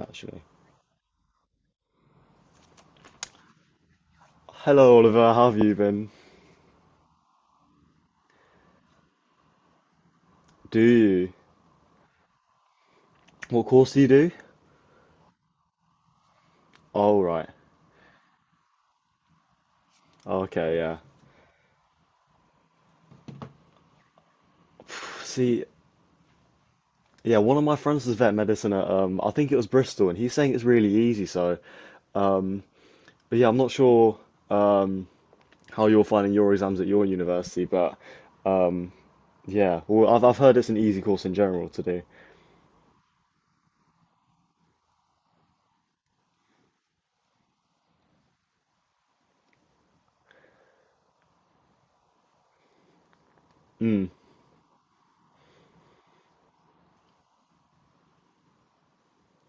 Actually. Hello, Oliver. How have you been? Do you? What course do you do? Oh, right. Okay, yeah. See, yeah, one of my friends was vet medicine at, I think it was Bristol, and he's saying it's really easy. Um, but yeah, I'm not sure, um, how you're finding your exams at your university, but, um, yeah, well, I've heard it's an easy course in general to do. Mm,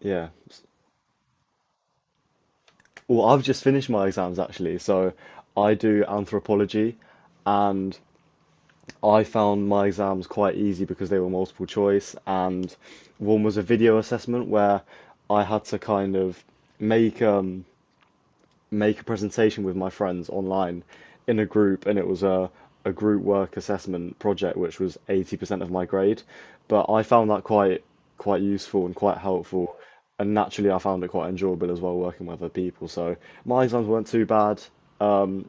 yeah. Well, I've just finished my exams actually, so I do anthropology, and I found my exams quite easy because they were multiple choice, and one was a video assessment where I had to kind of make make a presentation with my friends online in a group, and it was a group work assessment project which was 80% of my grade. But I found that quite useful and quite helpful, and naturally I found it quite enjoyable as well working with other people. So my exams weren't too bad. Um,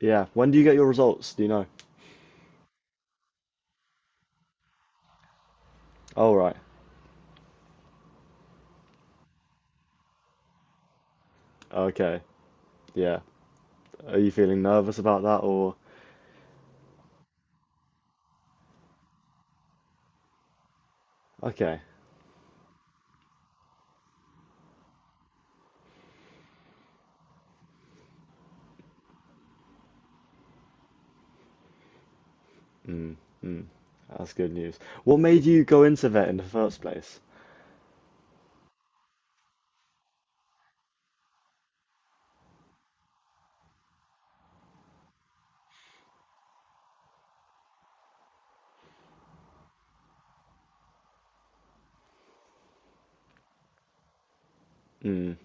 yeah. When do you get your results? Do you know? Oh, right. Okay. Yeah. Are you feeling nervous about that, or okay? Mm, mm. That's good news. What made you go into vet in the first place? Mm,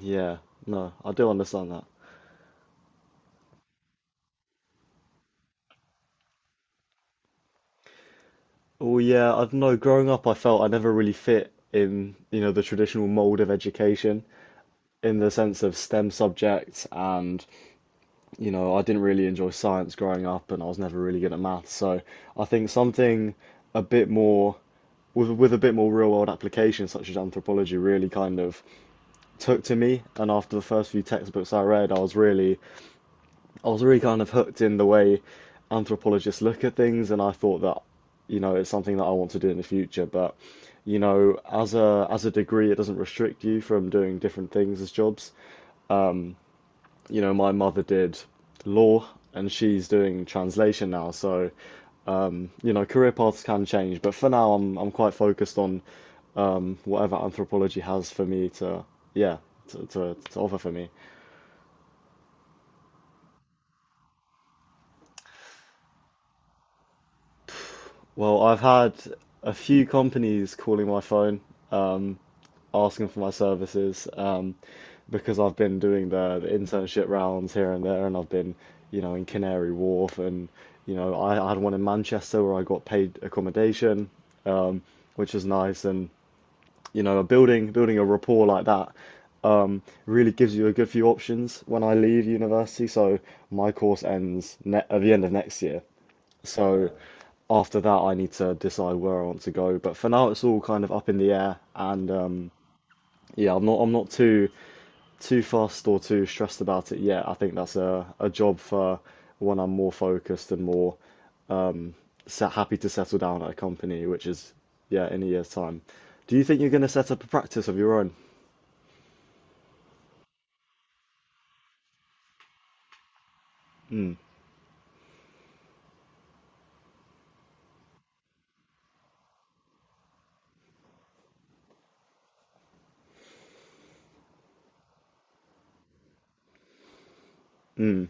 yeah, no, I do understand that. Oh, yeah, I don't know. Growing up, I felt I never really fit in, you know, the traditional mold of education in the sense of STEM subjects, and you know, I didn't really enjoy science growing up, and I was never really good at maths. So I think something a bit more with a bit more real world application, such as anthropology, really kind of took to me, and after the first few textbooks I read, I was really kind of hooked in the way anthropologists look at things, and I thought that, you know, it's something that I want to do in the future. But, you know, as a degree, it doesn't restrict you from doing different things as jobs. You know, my mother did law, and she's doing translation now, so you know, career paths can change. But for now, I'm quite focused on whatever anthropology has for me to, yeah, to offer for me. Well, I've had a few companies calling my phone, um, asking for my services, because I've been doing the internship rounds here and there, and I've been, you know, in Canary Wharf, and you know, I had one in Manchester where I got paid accommodation, which was nice, and you know, building a rapport like that, really gives you a good few options when I leave university. So my course ends ne at the end of next year. So after that, I need to decide where I want to go. But for now, it's all kind of up in the air, and yeah, I'm not too fussed or too stressed about it yet. I think that's a job for when I'm more focused and more set, happy to settle down at a company, which is yeah, in a year's time. Do you think you're going to set up a practice of your own? Mm, mm,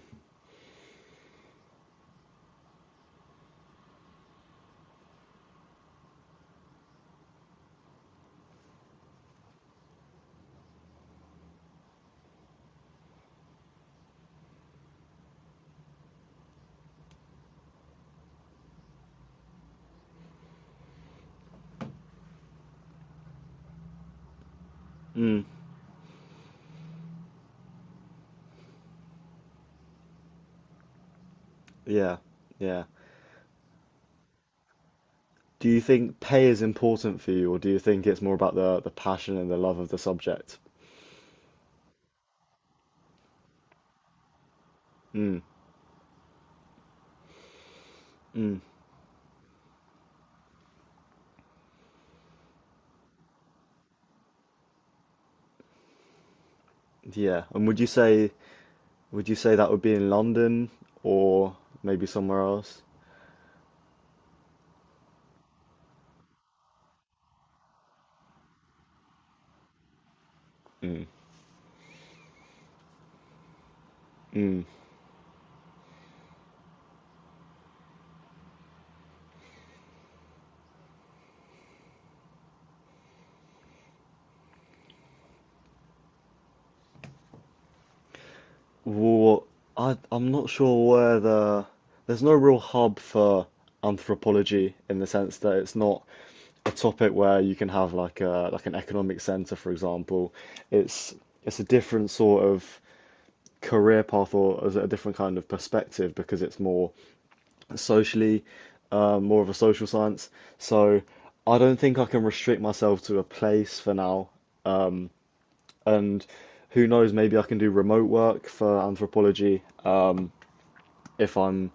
mm. Yeah, yeah. Do you think pay is important for you, or do you think it's more about the passion and the love of the subject? Mm, mm. Yeah. And would you say that would be in London or maybe somewhere else? Mm. Mm. Well, I'm not sure where there's no real hub for anthropology in the sense that it's not a topic where you can have like a like an economic center, for example. It's it's a different sort of career path, or is it a different kind of perspective because it's more socially, more of a social science. So I don't think I can restrict myself to a place for now. And who knows, maybe I can do remote work for anthropology if I'm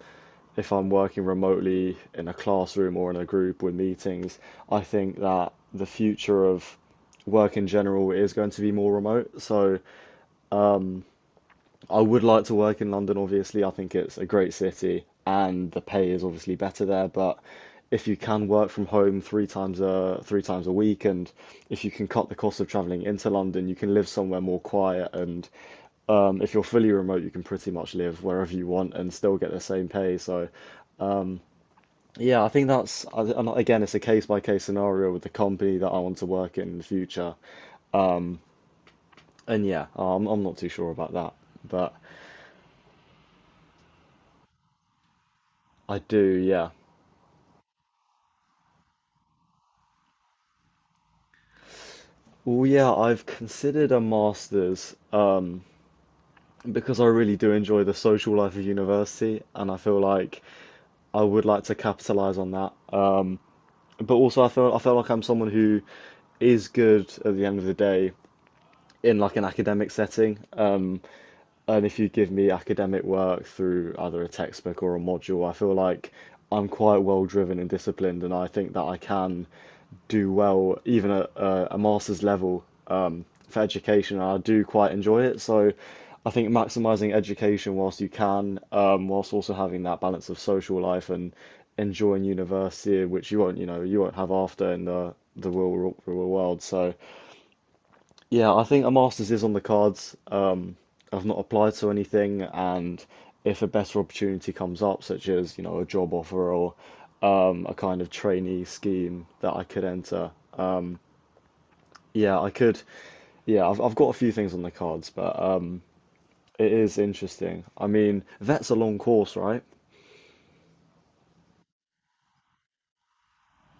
working remotely in a classroom or in a group with meetings. I think that the future of work in general is going to be more remote. So I would like to work in London, obviously. I think it's a great city and the pay is obviously better there. But if you can work from home three times a week, and if you can cut the cost of traveling into London, you can live somewhere more quiet, and if you're fully remote, you can pretty much live wherever you want and still get the same pay. So yeah, I think that's, and again, it's a case by case scenario with the company that I want to work in the future. And yeah, I'm not too sure about that, but I do, yeah. Well, yeah, I've considered a master's, because I really do enjoy the social life of university, and I feel like I would like to capitalize on that. But also, I feel like I'm someone who is good at the end of the day in like an academic setting. And if you give me academic work through either a textbook or a module, I feel like I'm quite well driven and disciplined, and I think that I can do well even at a master's level, for education, and I do quite enjoy it. So I think maximizing education whilst you can, whilst also having that balance of social life and enjoying university, which you won't, you know, you won't have after in the real world. So yeah, I think a master's is on the cards. I've not applied to anything, and if a better opportunity comes up, such as you know a job offer or a kind of trainee scheme that I could enter, yeah, I could. Yeah, I've got a few things on the cards, but it is interesting. I mean, that's a long course, right?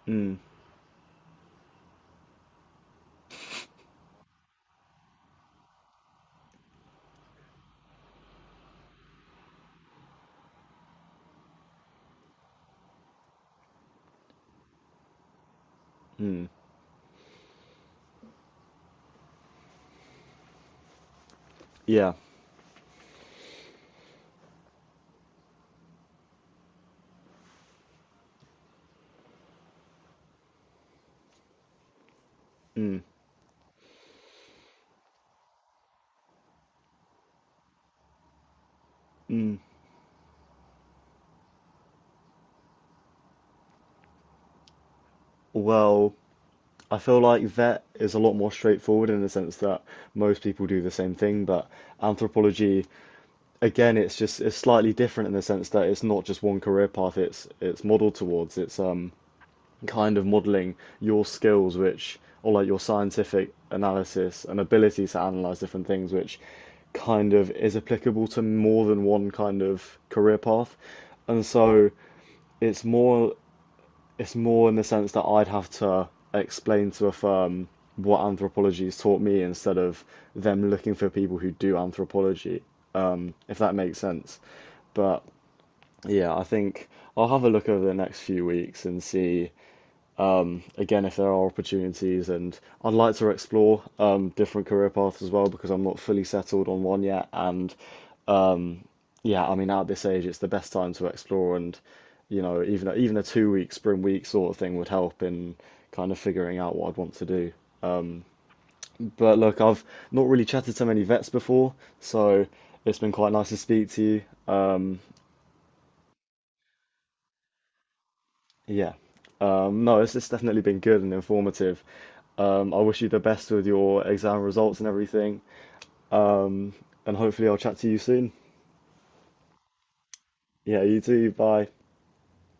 Mm, mm, yeah, mm, mm. Well, I feel like vet is a lot more straightforward in the sense that most people do the same thing, but anthropology, again, it's just it's slightly different in the sense that it's not just one career path it's modeled towards. It's kind of modeling your skills, which, or like your scientific analysis and ability to analyze different things, which kind of is applicable to more than one kind of career path. And so it's more it's more in the sense that I'd have to explain to a firm what anthropology has taught me instead of them looking for people who do anthropology, if that makes sense. But yeah, I think I'll have a look over the next few weeks and see again, if there are opportunities, and I'd like to explore, different career paths as well because I'm not fully settled on one yet. And um, yeah, I mean, at this age, it's the best time to explore, and you know, even a two-week spring week sort of thing would help in kind of figuring out what I'd want to do. But look, I've not really chatted to many vets before, so it's been quite nice to speak to you. Yeah, no, it's definitely been good and informative. I wish you the best with your exam results and everything, and hopefully I'll chat to you soon. Yeah, you too. Bye.